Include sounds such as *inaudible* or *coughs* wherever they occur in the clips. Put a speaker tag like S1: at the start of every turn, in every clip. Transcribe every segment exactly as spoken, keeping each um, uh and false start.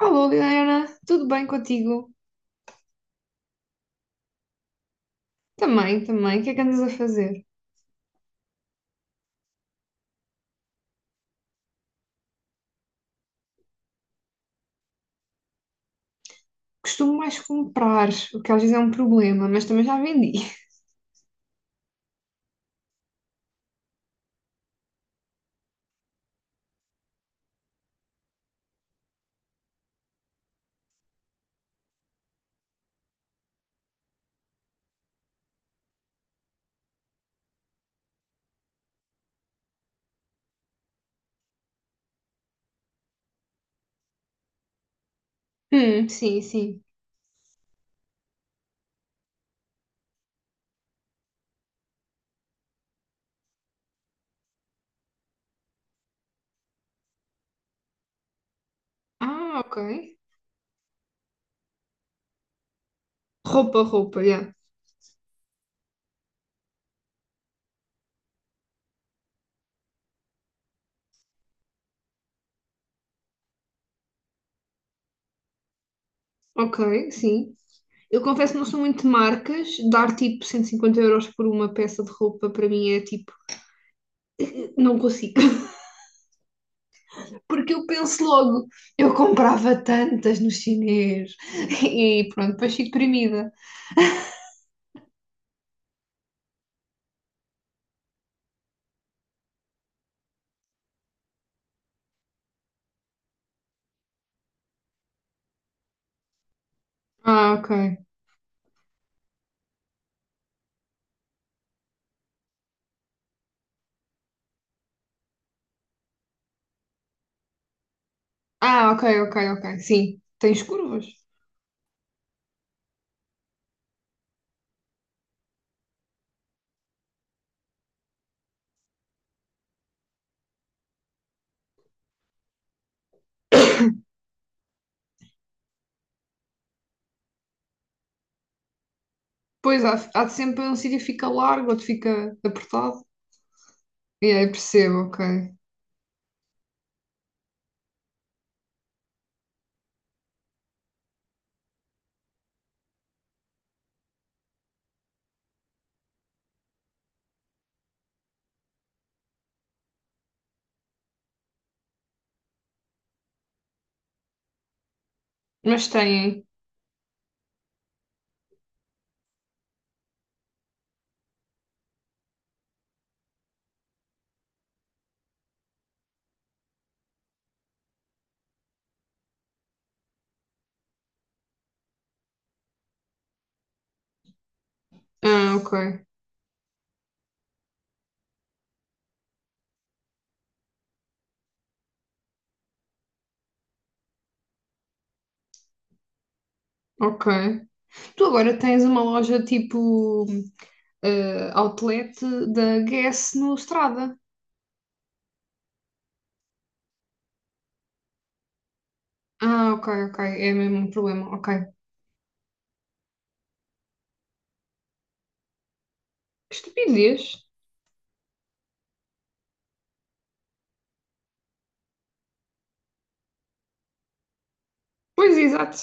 S1: Alô, Liliana, tudo bem contigo? Também, também. O que é que andas a fazer? Costumo mais comprar, o que às vezes é um problema, mas também já vendi. *laughs* Hum, sim, sim. Ah, ok. Roupa, roupa, yeah. Ok, sim. Eu confesso que não sou muito de marcas. Dar tipo cento e cinquenta euros por uma peça de roupa para mim é tipo, não consigo. *laughs* Porque eu penso logo, eu comprava tantas no chinês. *laughs* E pronto, depois fico deprimida. Ah, ok. Ah, ok, ok, ok. Sim, tens curvas. Pois, há, há de sempre um sítio que fica largo, outro fica apertado. E aí percebo, ok. Mas têm. Ah, ok. Ok. Tu agora tens uma loja tipo eh, outlet da Guess no Strada. Ah, ok, ok. É mesmo um problema. Ok. Que estupidez. Pois, exato.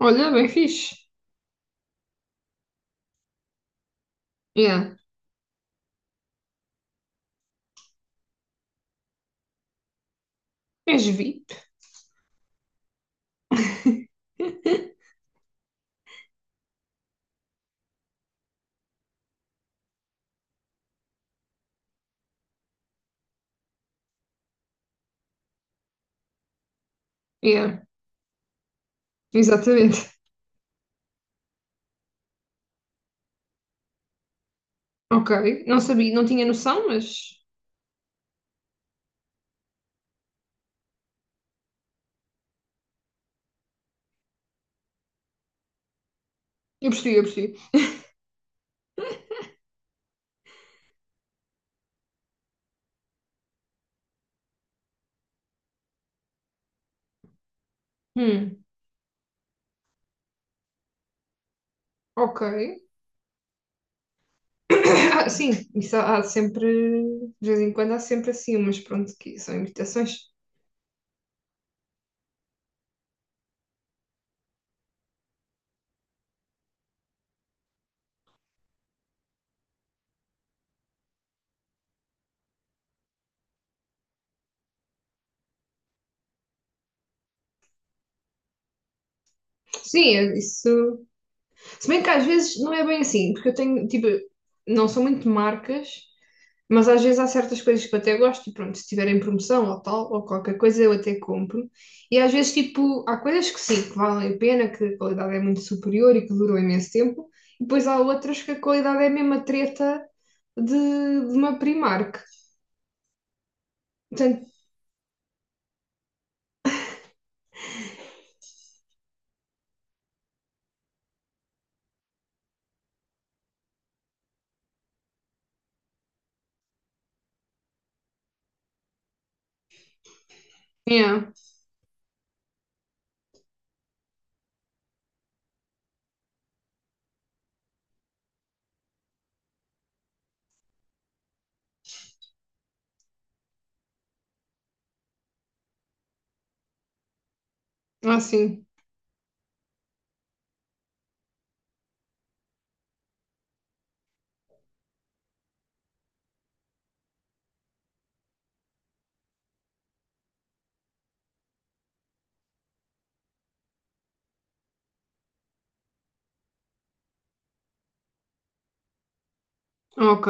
S1: Olha, bem fixe. Yeah. És V I P. *laughs* Yeah, exatamente. Ok. Não sabia, não tinha noção, mas eu percebi, eu percebi. Hum, ok. *coughs* Ah, sim, isso há, há sempre, de vez em quando há sempre assim mas pronto, que são imitações. Sim, é isso. Se bem que às vezes não é bem assim, porque eu tenho, tipo, não são muito marcas, mas às vezes há certas coisas que eu até gosto e pronto, se tiverem promoção ou tal, ou qualquer coisa eu até compro. E às vezes, tipo, há coisas que sim, que valem a pena, que a qualidade é muito superior e que duram imenso tempo, e depois há outras que a qualidade é mesmo a treta de, de uma Primark. Portanto, é, assim. Ok.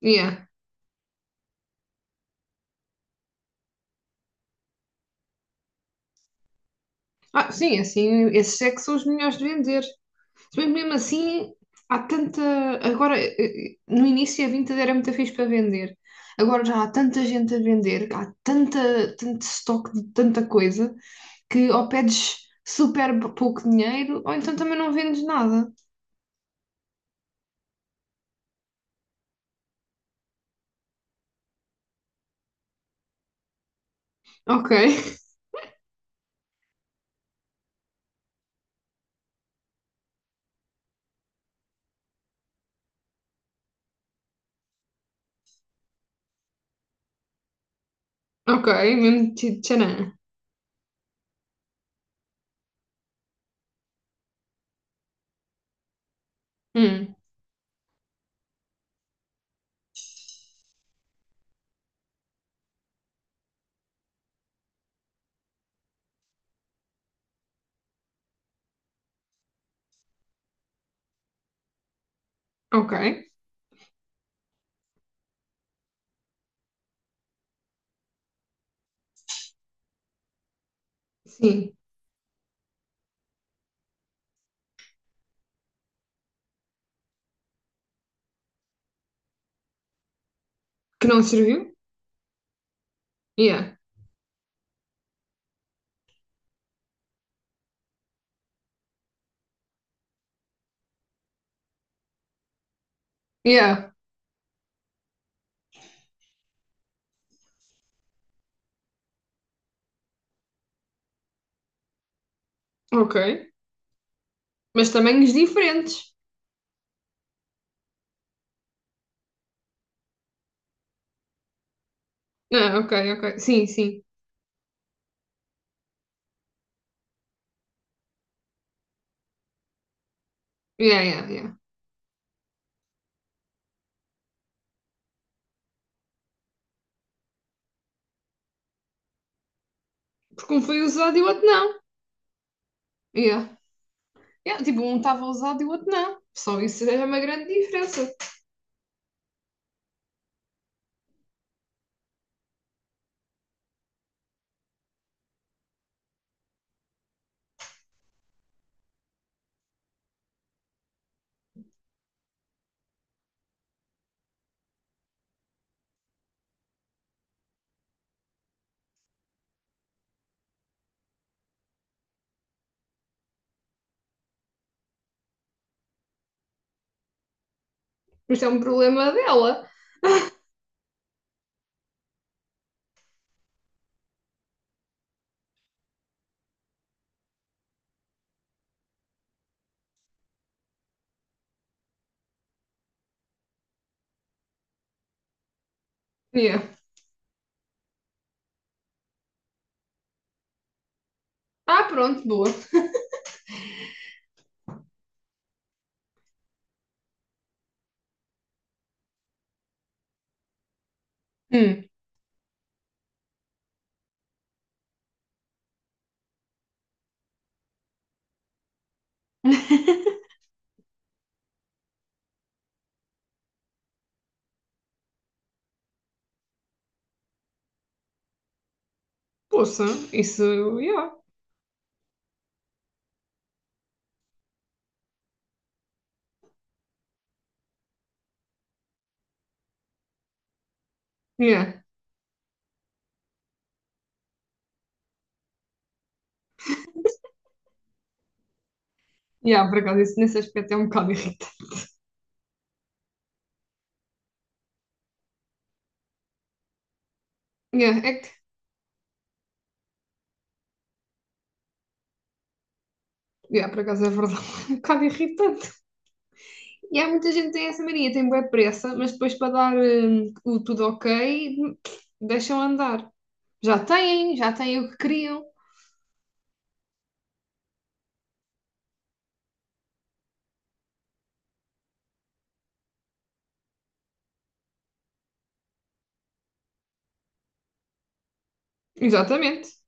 S1: Yeah. Ah, sim, assim, esses é que são os melhores de vender. Se bem que mesmo assim, há tanta. Agora, eh, eh, no início a Vinted era muito fixe para vender. Agora já há tanta gente a vender, há tanta, tanto estoque de tanta coisa, que ou pedes super pouco dinheiro, ou então também não vendes nada. Ok, *laughs* ok, mesmo tipo, tcharam. Hum, ok, sim. Que não serviu? Yeah, yeah, ok. Mas tamanhos diferentes. Ah, ok, ok. Sim, sim. Yeah, yeah, yeah. Porque um foi usado e o outro não. Yeah. Yeah, tipo, um estava usado e o outro não. Só isso já é uma grande diferença. Isto é um problema dela. Yeah. Ah, pronto, boa. Hum. Poxa, isso, yeah. Yeah. Yeah, por acaso, isso nesse aspecto é um bocado irritante. Yeah, é que, yeah, por acaso é verdade, *laughs* é um bocado irritante. E há muita gente que tem essa mania, tem boa pressa, mas depois para dar hum, o tudo ok, deixam andar. Já têm, já têm o que queriam. Exatamente.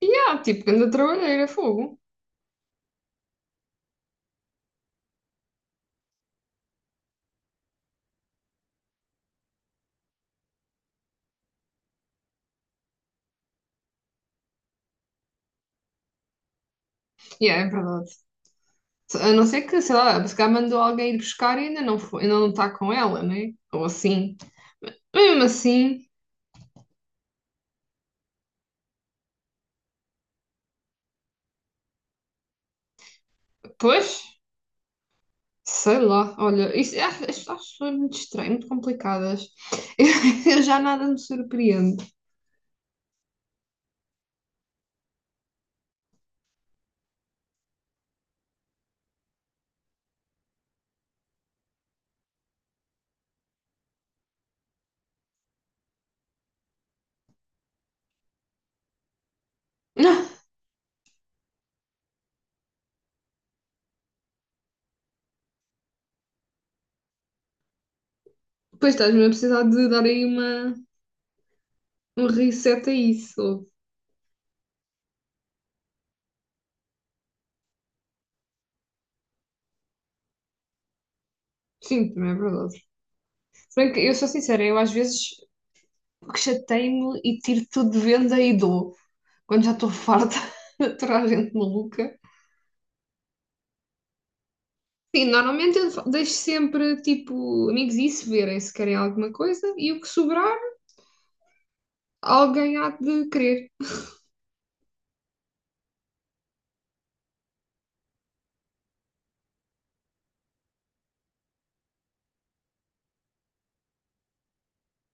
S1: E yeah, tipo, grande trabalheira, fogo. E yeah, é verdade. A não ser que, sei lá, se calhar mandou alguém ir buscar e ainda não foi, ainda não está com ela, né? Ou assim. Mesmo assim, pois, sei lá, olha, isso, acho, acho acho pessoas muito estranhas, muito complicadas. *laughs* Eu, já nada me surpreende. *laughs* Pois estás-me a precisar de dar aí uma, um reset a isso. Sim, também é verdade. Se bem que eu sou sincera, eu às vezes que chatei-me e tiro tudo de venda e dou. Quando já estou farta *laughs* de aturar gente maluca. Sim, normalmente eu deixo sempre, tipo, amigos e se verem se querem alguma coisa e o que sobrar, alguém há de querer.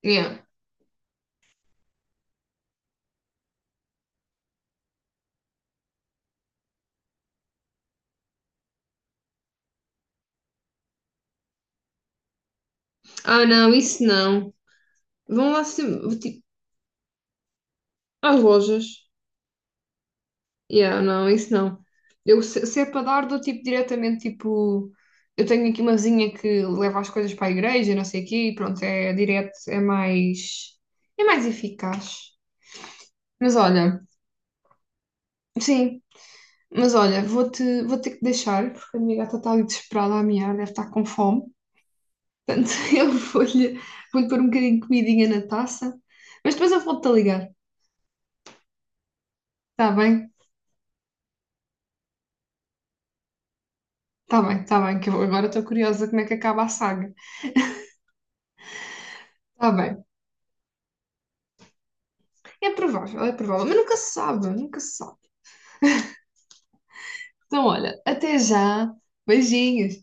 S1: Yeah. Ah, não, isso não. Vão lá sempre, tipo, às lojas. Yeah, não, isso não. Eu, se, se é para dar, dou tipo diretamente, tipo, eu tenho aqui uma vizinha que leva as coisas para a igreja, não sei o quê, e pronto, é direto, é mais, é mais eficaz. Mas olha, sim, mas olha, vou-te, vou ter que deixar, porque a minha gata está ali desesperada a miar, deve estar com fome. Portanto, *laughs* eu vou-lhe vou-lhe pôr um bocadinho de comidinha na taça. Mas depois eu volto-te a ligar. Está bem? Está bem, está bem, que eu agora estou curiosa como é que acaba a saga. Está bem. É provável, é provável. Mas nunca se sabe, nunca se sabe. Então, olha, até já. Beijinhos.